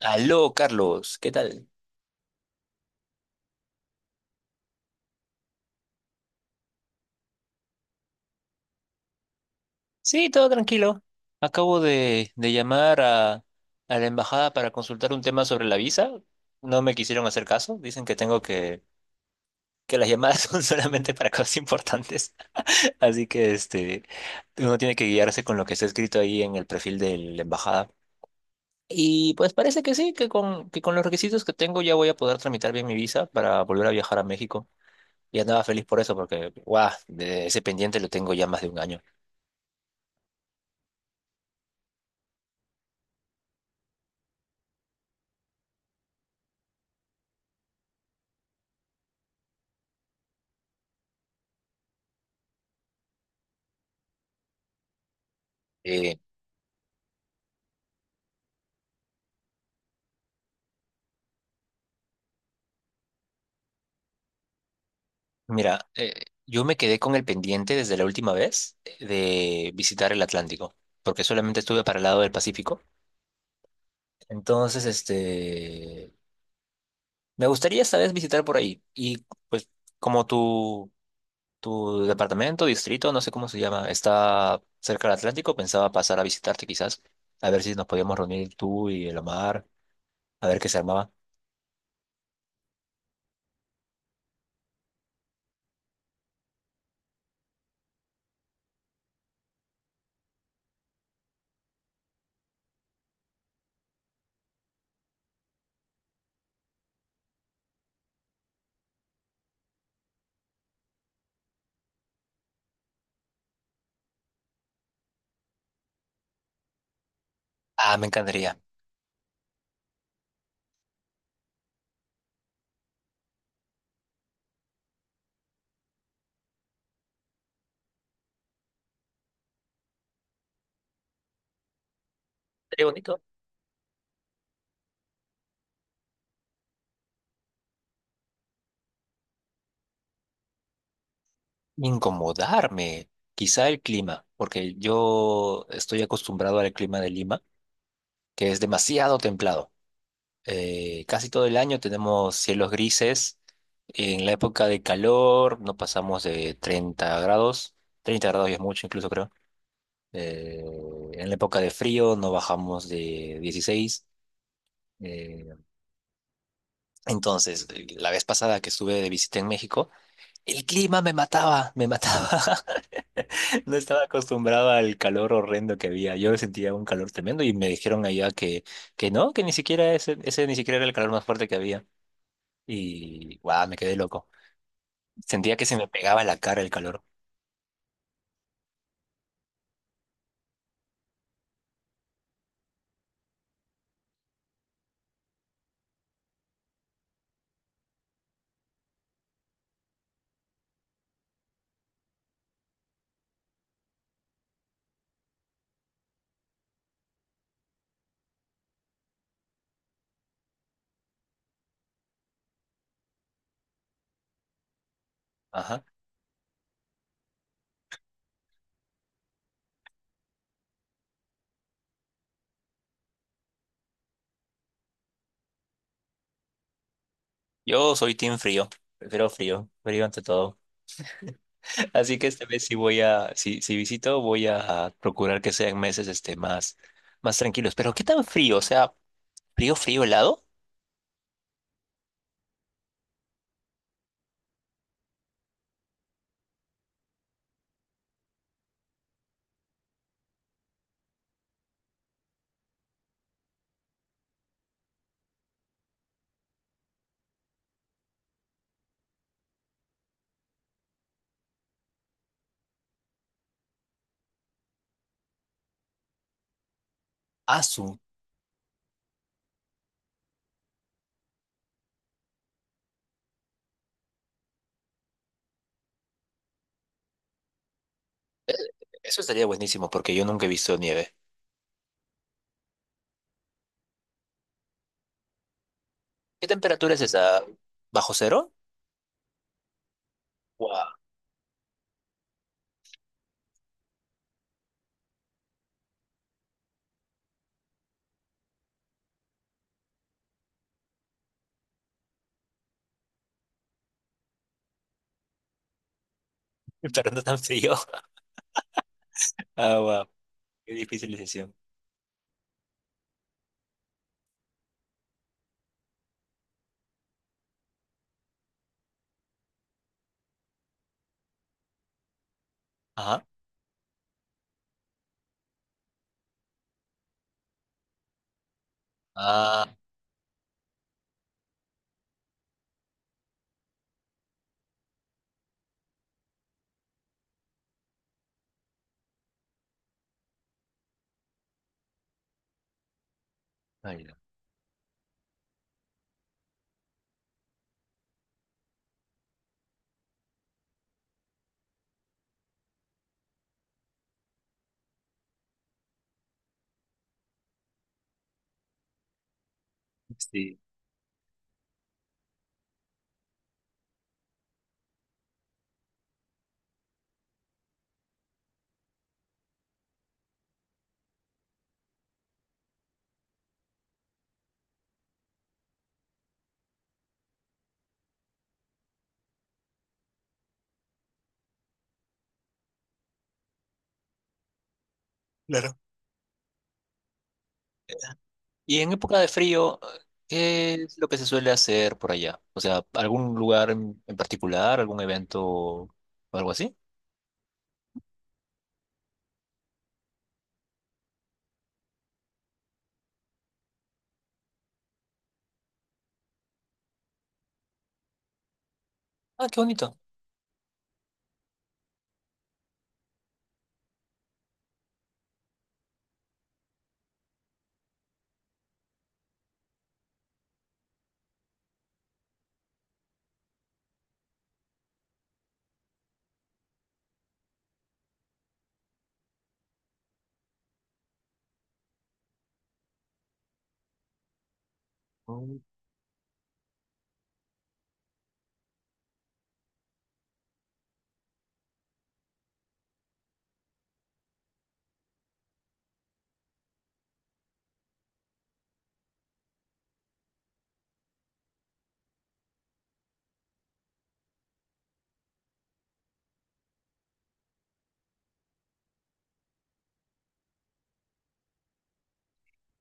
Aló, Carlos, ¿qué tal? Sí, todo tranquilo. Acabo de llamar a la embajada para consultar un tema sobre la visa. No me quisieron hacer caso. Dicen que tengo que las llamadas son solamente para cosas importantes. Así que este, uno tiene que guiarse con lo que está escrito ahí en el perfil de la embajada. Y pues parece que sí, que que con los requisitos que tengo ya voy a poder tramitar bien mi visa para volver a viajar a México. Y andaba feliz por eso, porque, guau, de ese pendiente lo tengo ya más de un año. Eh, Mira, yo me quedé con el pendiente desde la última vez de visitar el Atlántico, porque solamente estuve para el lado del Pacífico. Entonces, este, me gustaría esta vez visitar por ahí. Y pues como tu departamento, distrito, no sé cómo se llama, está cerca del Atlántico, pensaba pasar a visitarte quizás, a ver si nos podíamos reunir tú y el Omar, a ver qué se armaba. Ah, me encantaría. Sería bonito. Incomodarme, quizá el clima, porque yo estoy acostumbrado al clima de Lima, que es demasiado templado. Casi todo el año tenemos cielos grises. En la época de calor no pasamos de 30 grados. Treinta grados ya es mucho, incluso creo. Eh, en la época de frío no bajamos de 16. Eh, entonces, la vez pasada que estuve de visita en México, el clima me mataba, me mataba. No estaba acostumbrado al calor horrendo que había. Yo sentía un calor tremendo y me dijeron allá que no, que ni siquiera ese, ese ni siquiera era el calor más fuerte que había. Y guau, me quedé loco. Sentía que se me pegaba la cara el calor. Ajá. Yo soy team frío. Prefiero frío, frío ante todo. Así que esta vez sí voy a, si, si visito, voy a procurar que sean meses este más, más tranquilos. Pero ¿qué tan frío? O sea, frío, frío, helado. Ah, su. Eso estaría buenísimo porque yo nunca he visto nieve. ¿Qué temperatura es esa? ¿Bajo cero? Wow, pero no tan frío. Ah, wow, qué difícil decisión. Ajá. Ah, ahí va. Sí, claro. Y en época de frío, ¿qué es lo que se suele hacer por allá? O sea, ¿algún lugar en particular, algún evento o algo así? Ah, qué bonito. Mm.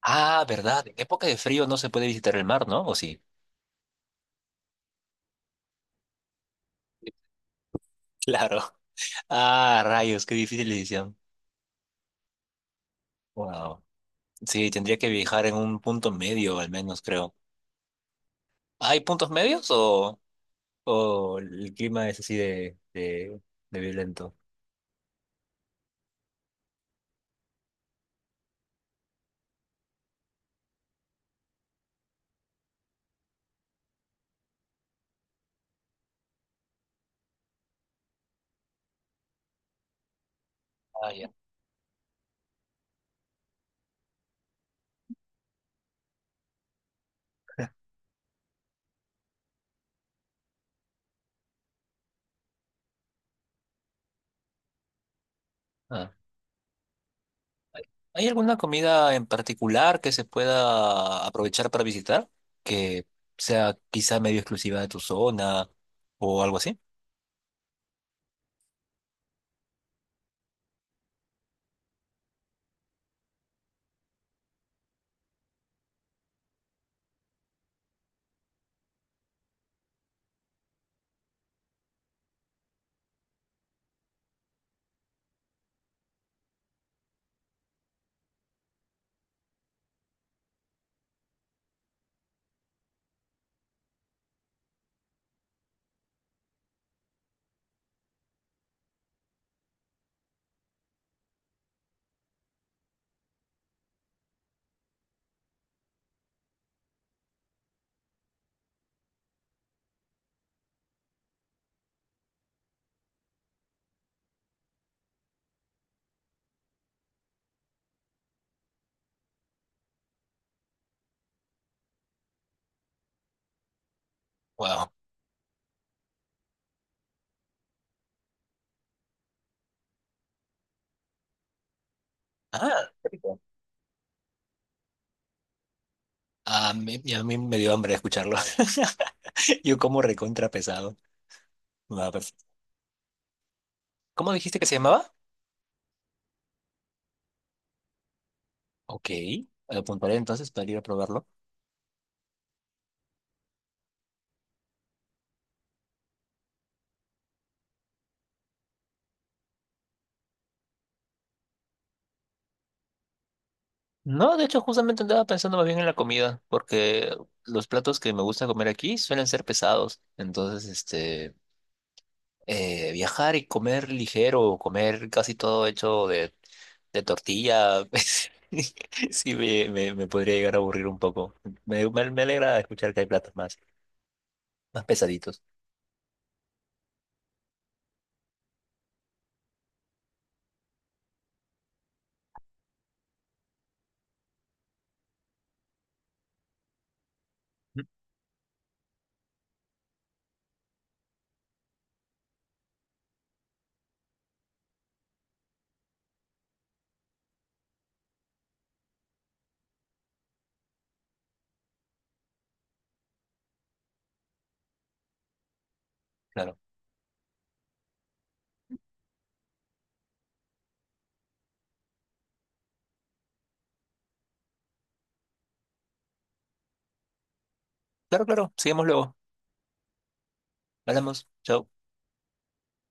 Ah, verdad. ¿En época de frío no se puede visitar el mar, no? ¿O sí? Claro. Ah, rayos, qué difícil decisión. Wow. Sí, tendría que viajar en un punto medio, al menos, creo. ¿Hay puntos medios o el clima es así de violento? Ah, ya. Ah. ¿Hay hay alguna comida en particular que se pueda aprovechar para visitar? Que sea quizá medio exclusiva de tu zona o algo así. Wow. Ah, qué rico. Y a mí me dio hambre escucharlo. Yo como recontra pesado. Va, perfecto. ¿Cómo dijiste que se llamaba? Ok, apuntaré entonces para ir a probarlo. No, de hecho, justamente andaba pensando más bien en la comida, porque los platos que me gusta comer aquí suelen ser pesados. Entonces, este, viajar y comer ligero, comer casi todo hecho de tortilla, pues, sí me podría llegar a aburrir un poco. Me alegra escuchar que hay platos más, más pesaditos. Claro, claro, claro, sigamos luego. Hablamos, chao.